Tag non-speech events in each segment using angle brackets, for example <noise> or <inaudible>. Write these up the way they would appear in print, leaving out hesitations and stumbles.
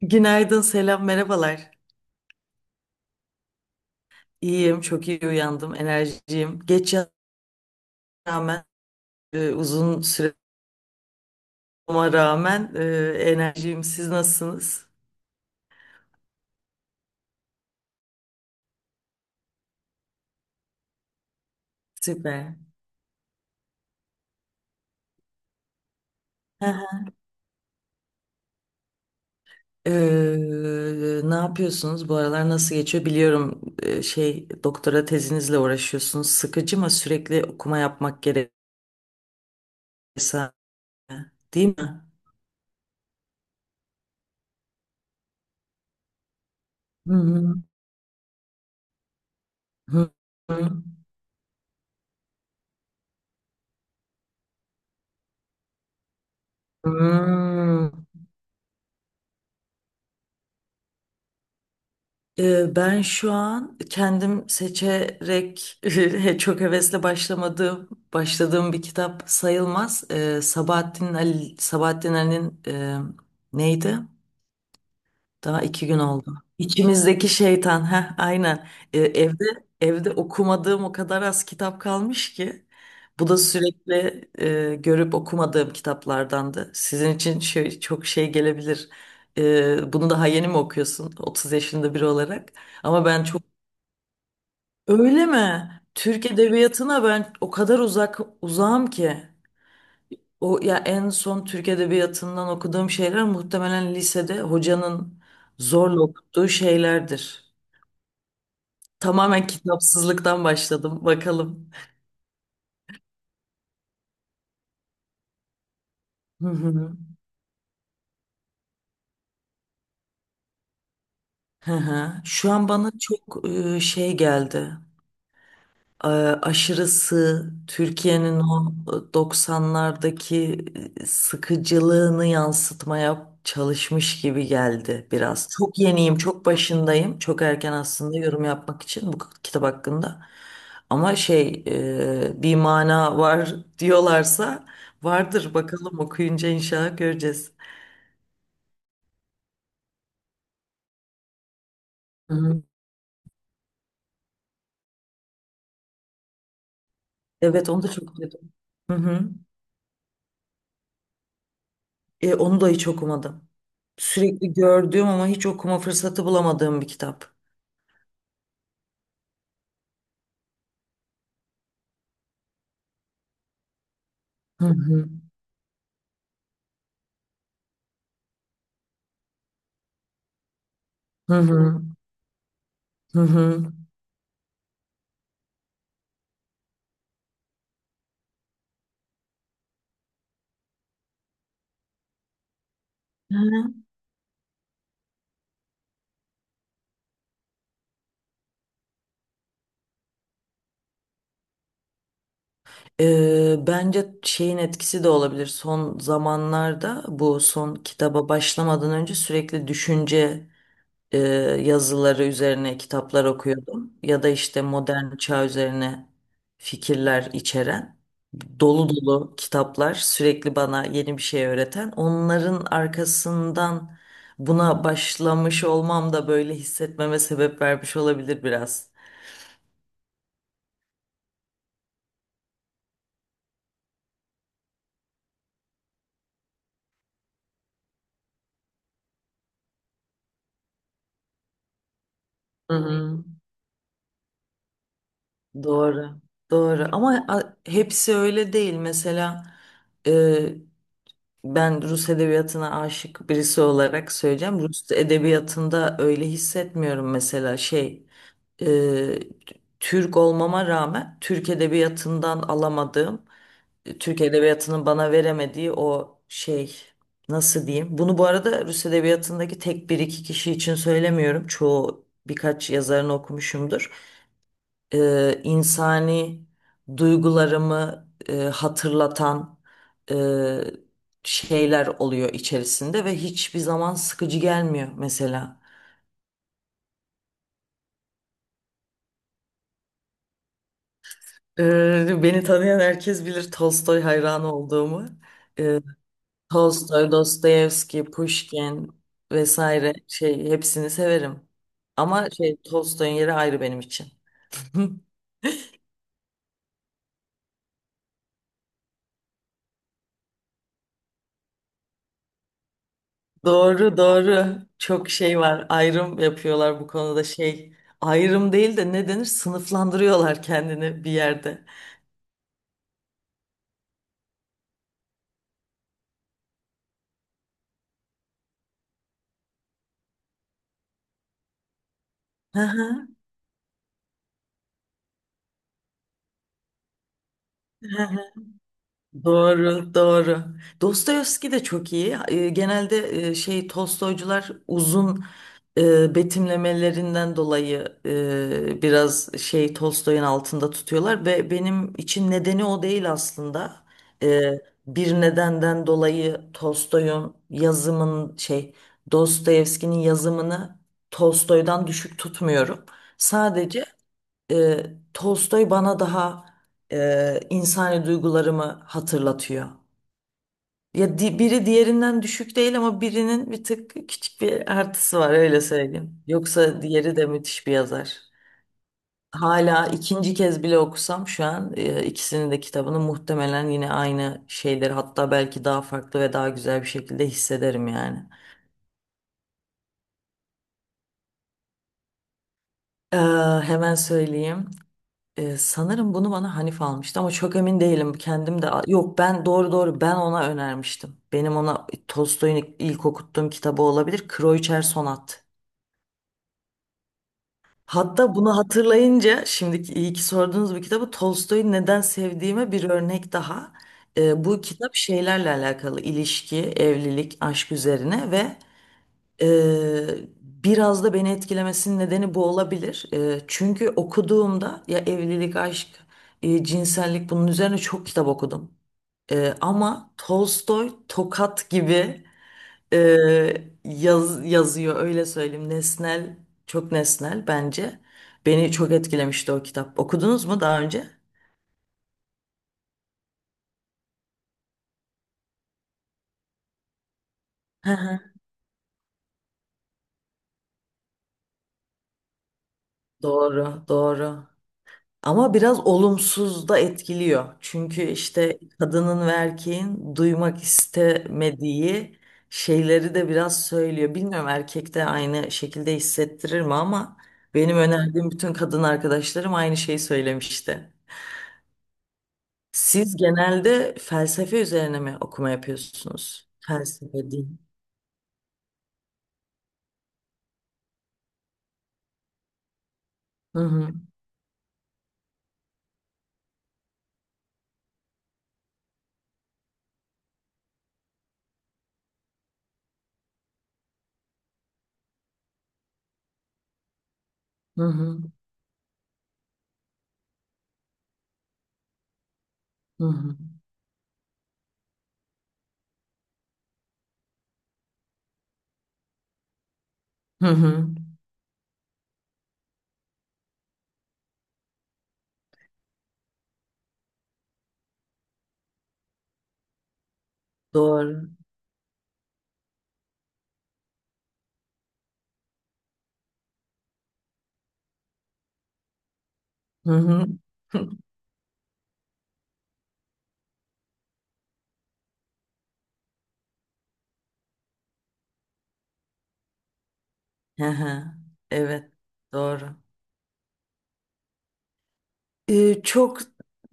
Günaydın, selam, merhabalar. İyiyim, çok iyi uyandım, enerjiyim. Geç yatağa rağmen, uzun süre ama rağmen enerjiyim. Siz nasılsınız? Süper. Hı hı. Ee, Ne yapıyorsunuz? Bu aralar nasıl geçiyor? Biliyorum şey doktora tezinizle uğraşıyorsunuz. Sıkıcı mı sürekli okuma yapmak gerekiyor? Değil mi? Hı hı. Hı hı. Hı. Ben şu an kendim seçerek <laughs> çok hevesle başladığım bir kitap sayılmaz. Sabahattin Ali'nin neydi? Daha iki gün oldu. İçimizdeki şeytan. Heh, aynen. Ee, evde evde okumadığım o kadar az kitap kalmış ki. Bu da sürekli görüp okumadığım kitaplardandı. Sizin için şey, çok şey gelebilir. Bunu daha yeni mi okuyorsun, 30 yaşında biri olarak? Ama ben çok... Öyle mi? Türk edebiyatına ben o kadar uzağım ki. O ya en son Türk Edebiyatı'ndan okuduğum şeyler muhtemelen lisede hocanın zorla okuttuğu şeylerdir. Tamamen kitapsızlıktan başladım. Bakalım. Hı hı. Hı hı. Şu an bana çok şey geldi. e, Aşırısı Türkiye'nin o 90'lardaki sıkıcılığını yansıtmaya çalışmış gibi geldi biraz. Çok yeniyim, çok başındayım. Çok erken aslında yorum yapmak için bu kitap hakkında. Ama şey bir mana var <laughs> diyorlarsa vardır, bakalım okuyunca inşallah göreceğiz. Hı hı. Evet, onu da çok duydum. Hı hı. E, onu da hiç okumadım. Sürekli gördüğüm ama hiç okuma fırsatı bulamadığım bir kitap. Hı hı. Hı hı. Hı hı. Hı hı. Bence şeyin etkisi de olabilir. Son zamanlarda bu son kitaba başlamadan önce sürekli düşünce e, yazıları üzerine kitaplar okuyordum. Ya da işte modern çağ üzerine fikirler içeren dolu dolu kitaplar, sürekli bana yeni bir şey öğreten. Onların arkasından buna başlamış olmam da böyle hissetmeme sebep vermiş olabilir biraz. Hı hı. Doğru, doğru. Ama hepsi öyle değil. Mesela e, ben Rus edebiyatına aşık birisi olarak söyleyeceğim. Rus edebiyatında öyle hissetmiyorum mesela şey. e, Türk olmama rağmen Türk edebiyatından alamadığım, Türk edebiyatının bana veremediği o şey, nasıl diyeyim? Bunu bu arada Rus edebiyatındaki tek bir iki kişi için söylemiyorum. Çoğu birkaç yazarını okumuşumdur. İnsani duygularımı hatırlatan e, şeyler oluyor içerisinde ve hiçbir zaman sıkıcı gelmiyor mesela. E, beni tanıyan herkes bilir Tolstoy hayranı olduğumu. E, Tolstoy, Dostoyevski, Pushkin vesaire, şey hepsini severim. Ama şey, Tolstoy'un yeri ayrı benim için. <laughs> Doğru, doğru. Çok şey var. Ayrım yapıyorlar bu konuda şey. Ayrım değil de ne denir? Sınıflandırıyorlar kendini bir yerde. Hı hı. Doğru, doğru. Dostoyevski de çok iyi. Genelde şey Tolstoycular uzun betimlemelerinden dolayı biraz şey Tolstoy'un altında tutuyorlar ve benim için nedeni o değil aslında. E, Bir nedenden dolayı Tolstoy'un yazımın şey, Dostoyevski'nin yazımını Tolstoy'dan düşük tutmuyorum. Sadece e, Tolstoy bana daha insani duygularımı hatırlatıyor. Ya biri diğerinden düşük değil ama birinin bir tık küçük bir artısı var, öyle söyleyeyim. Yoksa diğeri de müthiş bir yazar. Hala ikinci kez bile okusam şu an ikisinin de kitabını muhtemelen yine aynı şeyleri, hatta belki daha farklı ve daha güzel bir şekilde hissederim yani. Ee, hemen söyleyeyim. Sanırım bunu bana Hanif almıştı ama çok emin değilim. Kendim de yok, ben doğru doğru ben ona önermiştim. Benim ona Tolstoy'un ilk okuttuğum kitabı olabilir. Kroiçer Sonat. Hatta bunu hatırlayınca şimdiki iyi ki sorduğunuz bu kitabı, Tolstoy'u neden sevdiğime bir örnek daha. Bu kitap şeylerle alakalı: ilişki, evlilik, aşk üzerine ve biraz da beni etkilemesinin nedeni bu olabilir. Çünkü okuduğumda ya evlilik, aşk, cinsellik, bunun üzerine çok kitap okudum. Ama Tolstoy tokat gibi yazıyor, öyle söyleyeyim. Nesnel, çok nesnel bence. Beni çok etkilemişti o kitap. Okudunuz mu daha önce? Hı hı. Doğru, doğru. Ama biraz olumsuz da etkiliyor. Çünkü işte kadının ve erkeğin duymak istemediği şeyleri de biraz söylüyor. Bilmiyorum erkek de aynı şekilde hissettirir mi ama benim önerdiğim bütün kadın arkadaşlarım aynı şeyi söylemişti. Siz genelde felsefe üzerine mi okuma yapıyorsunuz? Felsefe, din. Hı hı. Hı hı. Hı hı. Hı hı. Doğru. Hı hı. <laughs> Hı hı. Evet, doğru. Çok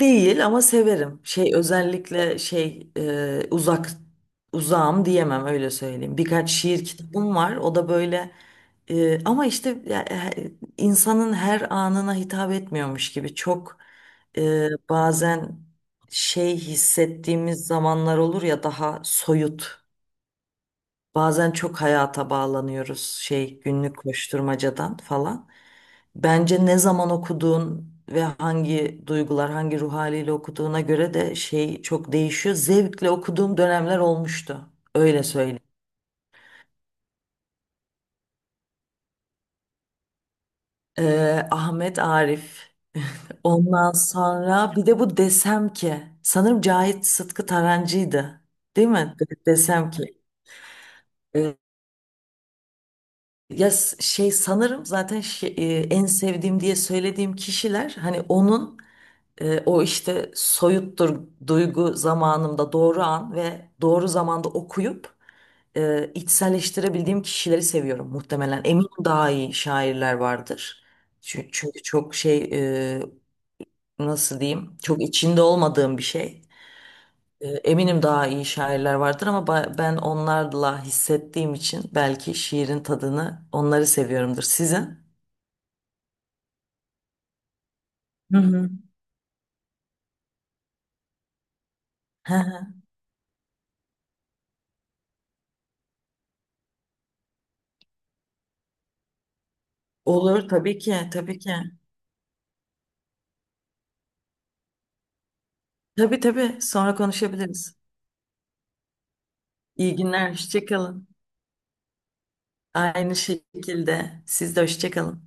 değil ama severim. Şey, özellikle şey e, uzak uzağım diyemem, öyle söyleyeyim. Birkaç şiir kitabım var. O da böyle ama işte ya, insanın her anına hitap etmiyormuş gibi çok bazen şey hissettiğimiz zamanlar olur ya, daha soyut. Bazen çok hayata bağlanıyoruz şey, günlük koşturmacadan falan. Bence ne zaman okuduğun ve hangi duygular, hangi ruh haliyle okuduğuna göre de şey çok değişiyor. Zevkle okuduğum dönemler olmuştu. Öyle söyleyeyim. Ahmet Arif. <laughs> Ondan sonra bir de bu desem ki sanırım Cahit Sıtkı Tarancı'ydı. Değil mi? Desem ki. e, Ya şey sanırım zaten en sevdiğim diye söylediğim kişiler hani onun o işte soyuttur, duygu zamanımda doğru an ve doğru zamanda okuyup içselleştirebildiğim kişileri seviyorum muhtemelen. Eminim daha iyi şairler vardır. Çünkü çok şey, e, nasıl diyeyim, çok içinde olmadığım bir şey. E, eminim daha iyi şairler vardır ama ben onlarla hissettiğim için belki şiirin tadını onları seviyorumdur. Sizin? Hı hı. Hı hı. Olur tabii ki, tabii ki. Tabii tabii, sonra konuşabiliriz. İyi günler, hoşça kalın. Aynı şekilde siz de hoşça kalın.